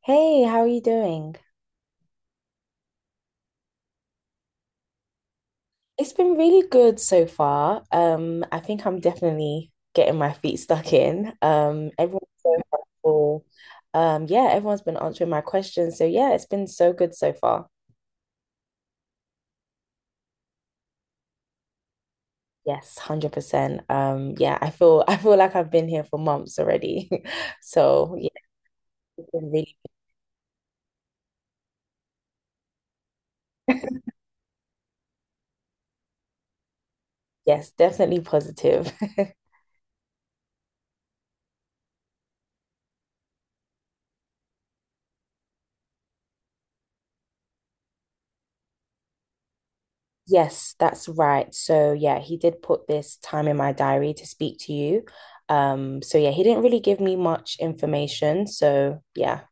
Hey, how are you doing? It's been really good so far. I think I'm definitely getting my feet stuck in. Everyone's so helpful. Yeah, Everyone's been answering my questions. So yeah, it's been so good so far. Yes, 100%. Yeah, I feel I feel like I've been here for months already. So yeah, it's been really, yes, definitely positive. Yes, that's right. So yeah, he did put this time in my diary to speak to you. So yeah, he didn't really give me much information. So yeah.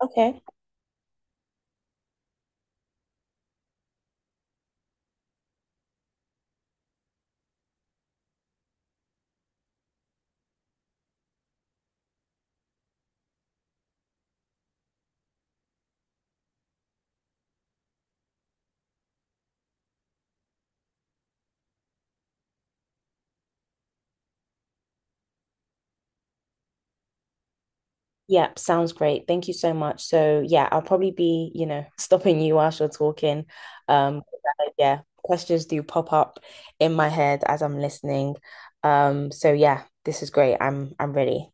Okay. Yeah, sounds great. Thank you so much. So yeah, I'll probably be, stopping you whilst you're talking. Um, yeah, questions do pop up in my head as I'm listening. So yeah, this is great. I'm ready.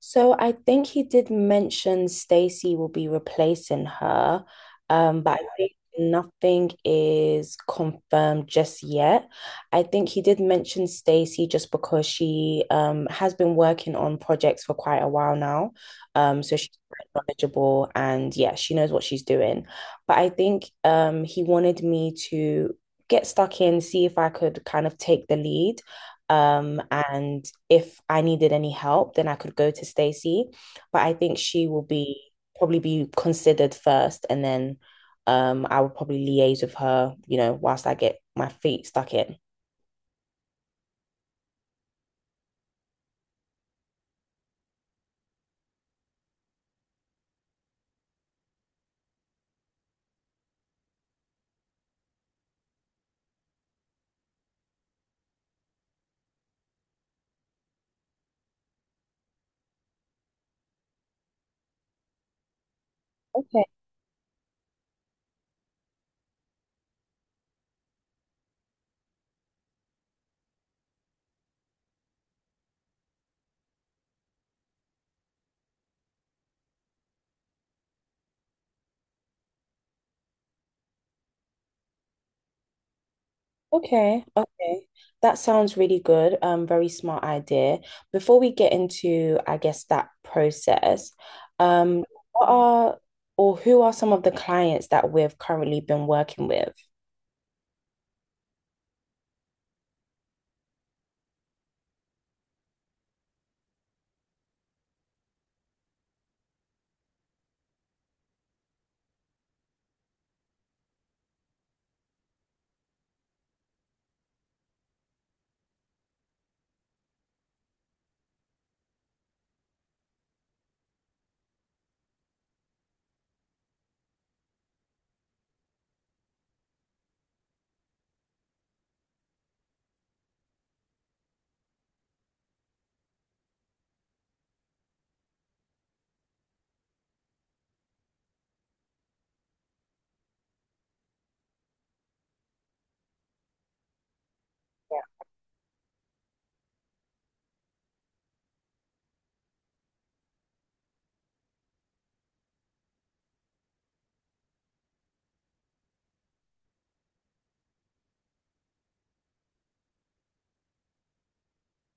So I think he did mention Stacy will be replacing her, but I think nothing is confirmed just yet. I think he did mention Stacy just because she has been working on projects for quite a while now, so she's quite knowledgeable and yeah, she knows what she's doing. But I think he wanted me to get stuck in, see if I could kind of take the lead. And if I needed any help, then I could go to Stacey. But I think she will be probably be considered first, and then I will probably liaise with her, whilst I get my feet stuck in. Okay, okay, okay. That sounds really good. Very smart idea. Before we get into, I guess, that process, um, what are or who are some of the clients that we've currently been working with?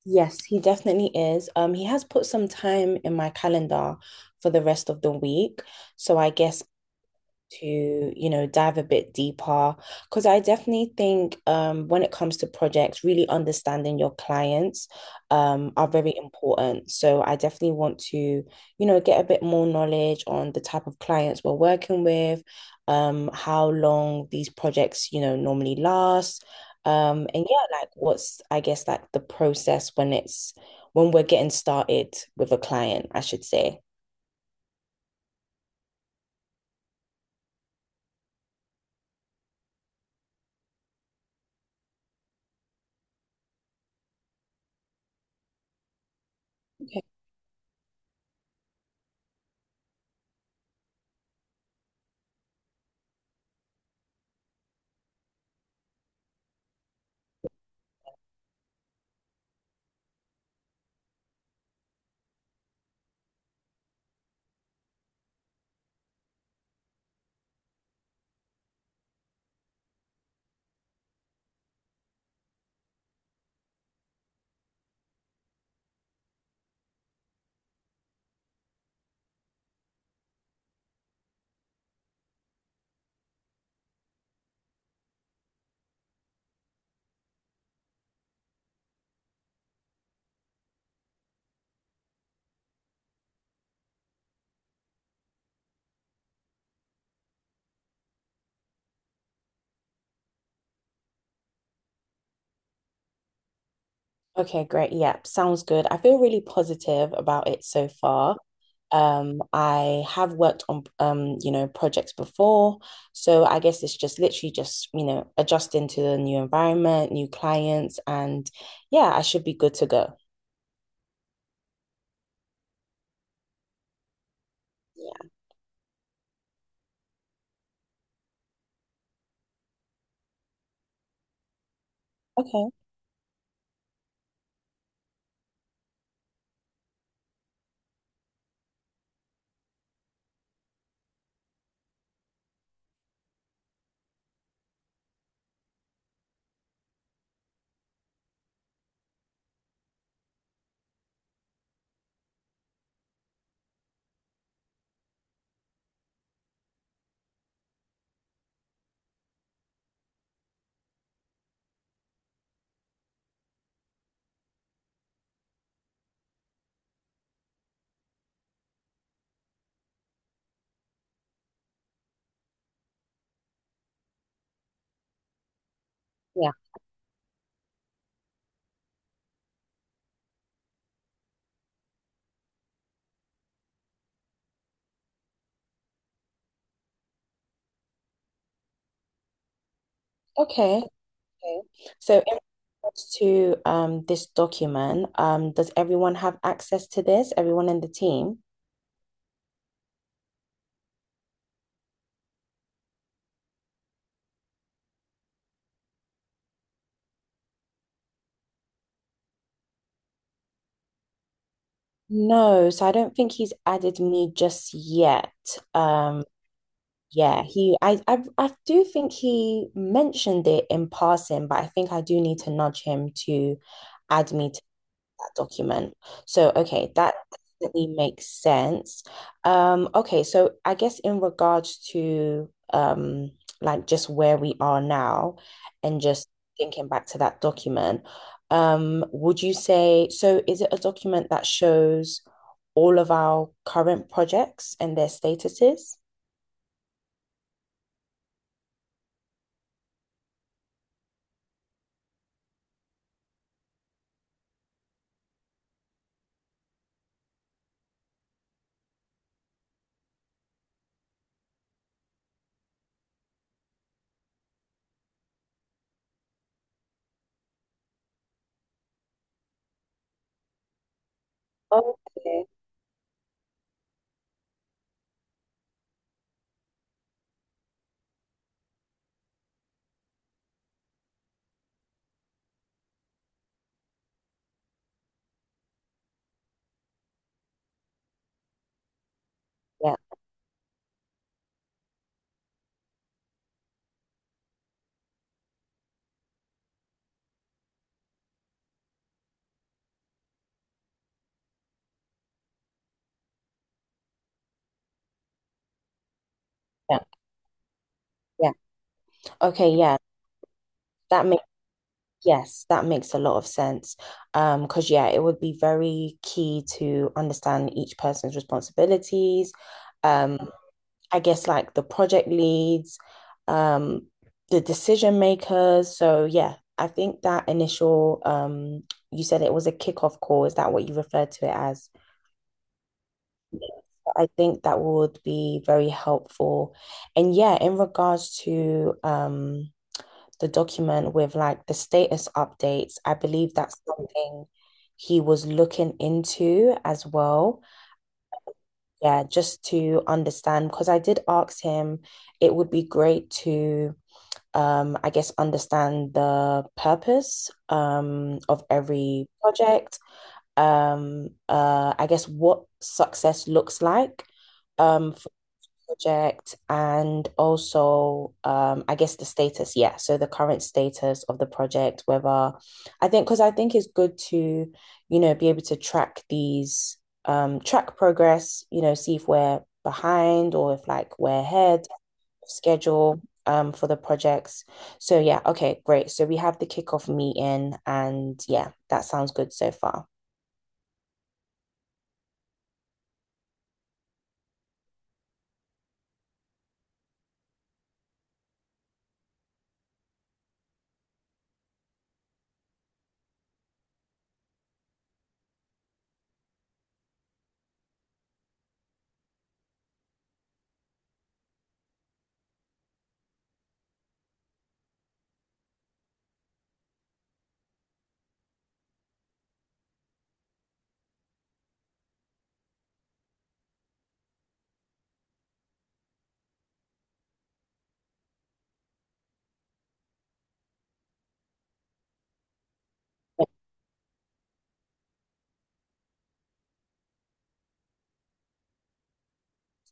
Yes, he definitely is. He has put some time in my calendar for the rest of the week. So I guess to, dive a bit deeper. Because I definitely think when it comes to projects, really understanding your clients are very important. So I definitely want to, get a bit more knowledge on the type of clients we're working with, how long these projects, normally last. And yeah, like what's, I guess, like the process when we're getting started with a client, I should say. Okay. Okay, great. Yeah, sounds good. I feel really positive about it so far. I have worked on projects before, so I guess it's just literally just, adjusting to the new environment, new clients, and yeah, I should be good to go. Yeah. Okay. Okay. Okay. So in regards to this document, does everyone have access to this? Everyone in the team? No, so I don't think he's added me just yet. Um, Yeah, he I do think he mentioned it in passing, but I think I do need to nudge him to add me to that document. So, okay, that definitely makes sense. Okay, so I guess in regards to like just where we are now and just thinking back to that document, would you say so is it a document that shows all of our current projects and their statuses? Okay. Yeah, yeah. Okay, yeah. That makes Yes, that makes a lot of sense. Because yeah, it would be very key to understand each person's responsibilities. Um, I guess like the project leads, um, the decision makers. So yeah, I think that initial you said it was a kickoff call. Is that what you referred to it as? Yes. I think that would be very helpful. And yeah, in regards to the document with like the status updates. I believe that's something he was looking into as well. Yeah, just to understand, because I did ask him, it would be great to, I guess, understand the purpose of every project. I guess what success looks like for project and also I guess the status, yeah. So the current status of the project, whether I think because I think it's good to, be able to track these track progress, see if we're behind or if like we're ahead schedule for the projects. So yeah, okay, great. So we have the kickoff meeting and yeah, that sounds good so far.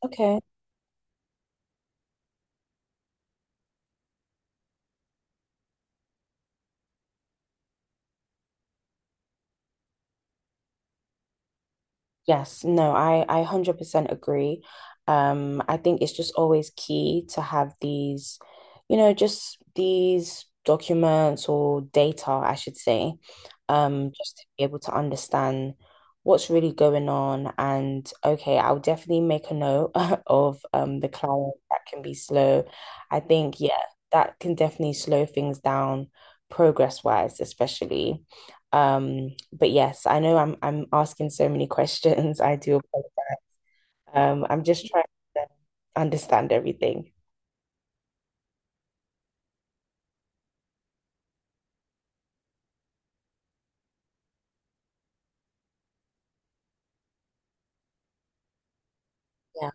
Okay. Yes, no, I 100% agree. I think it's just always key to have these, just these documents or data, I should say, just to be able to understand what's really going on. And okay, I'll definitely make a note of the client that can be slow. I think, yeah, that can definitely slow things down progress-wise, especially. But yes, I know I'm asking so many questions. I do. I'm just trying to understand everything. Yeah.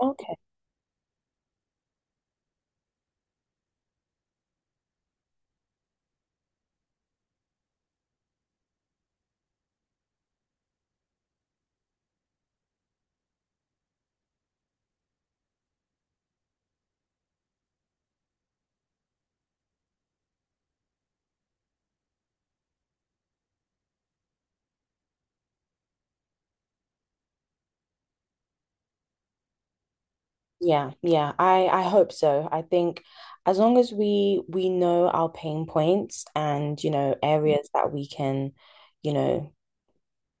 Okay. Yeah, yeah. I hope so. I think as long as we know our pain points and you know areas that we can, you know,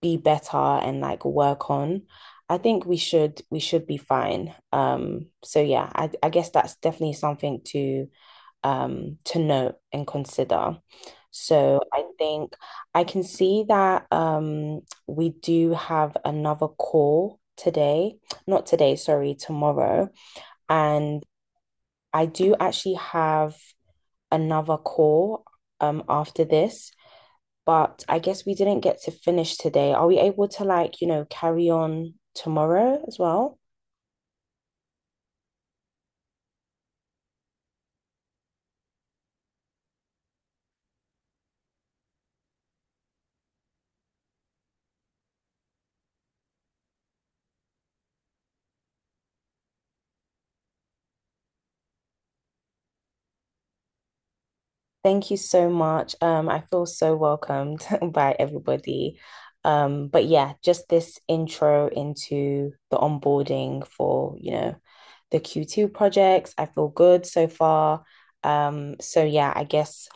be better and like work on, I think we should be fine. So yeah, I guess that's definitely something to note and consider. So I think I can see that we do have another call today, not today, sorry, tomorrow. And I do actually have another call after this, but I guess we didn't get to finish today. Are we able to like, carry on tomorrow as well? Thank you so much. I feel so welcomed by everybody. But yeah, just this intro into the onboarding for, the Q2 projects. I feel good so far. So yeah, I guess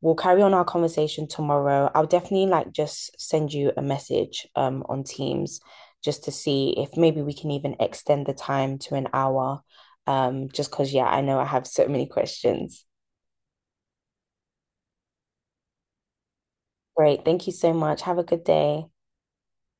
we'll carry on our conversation tomorrow. I'll definitely like just send you a message on Teams just to see if maybe we can even extend the time to an hour. Just because yeah, I know I have so many questions. Great. Thank you so much. Have a good day.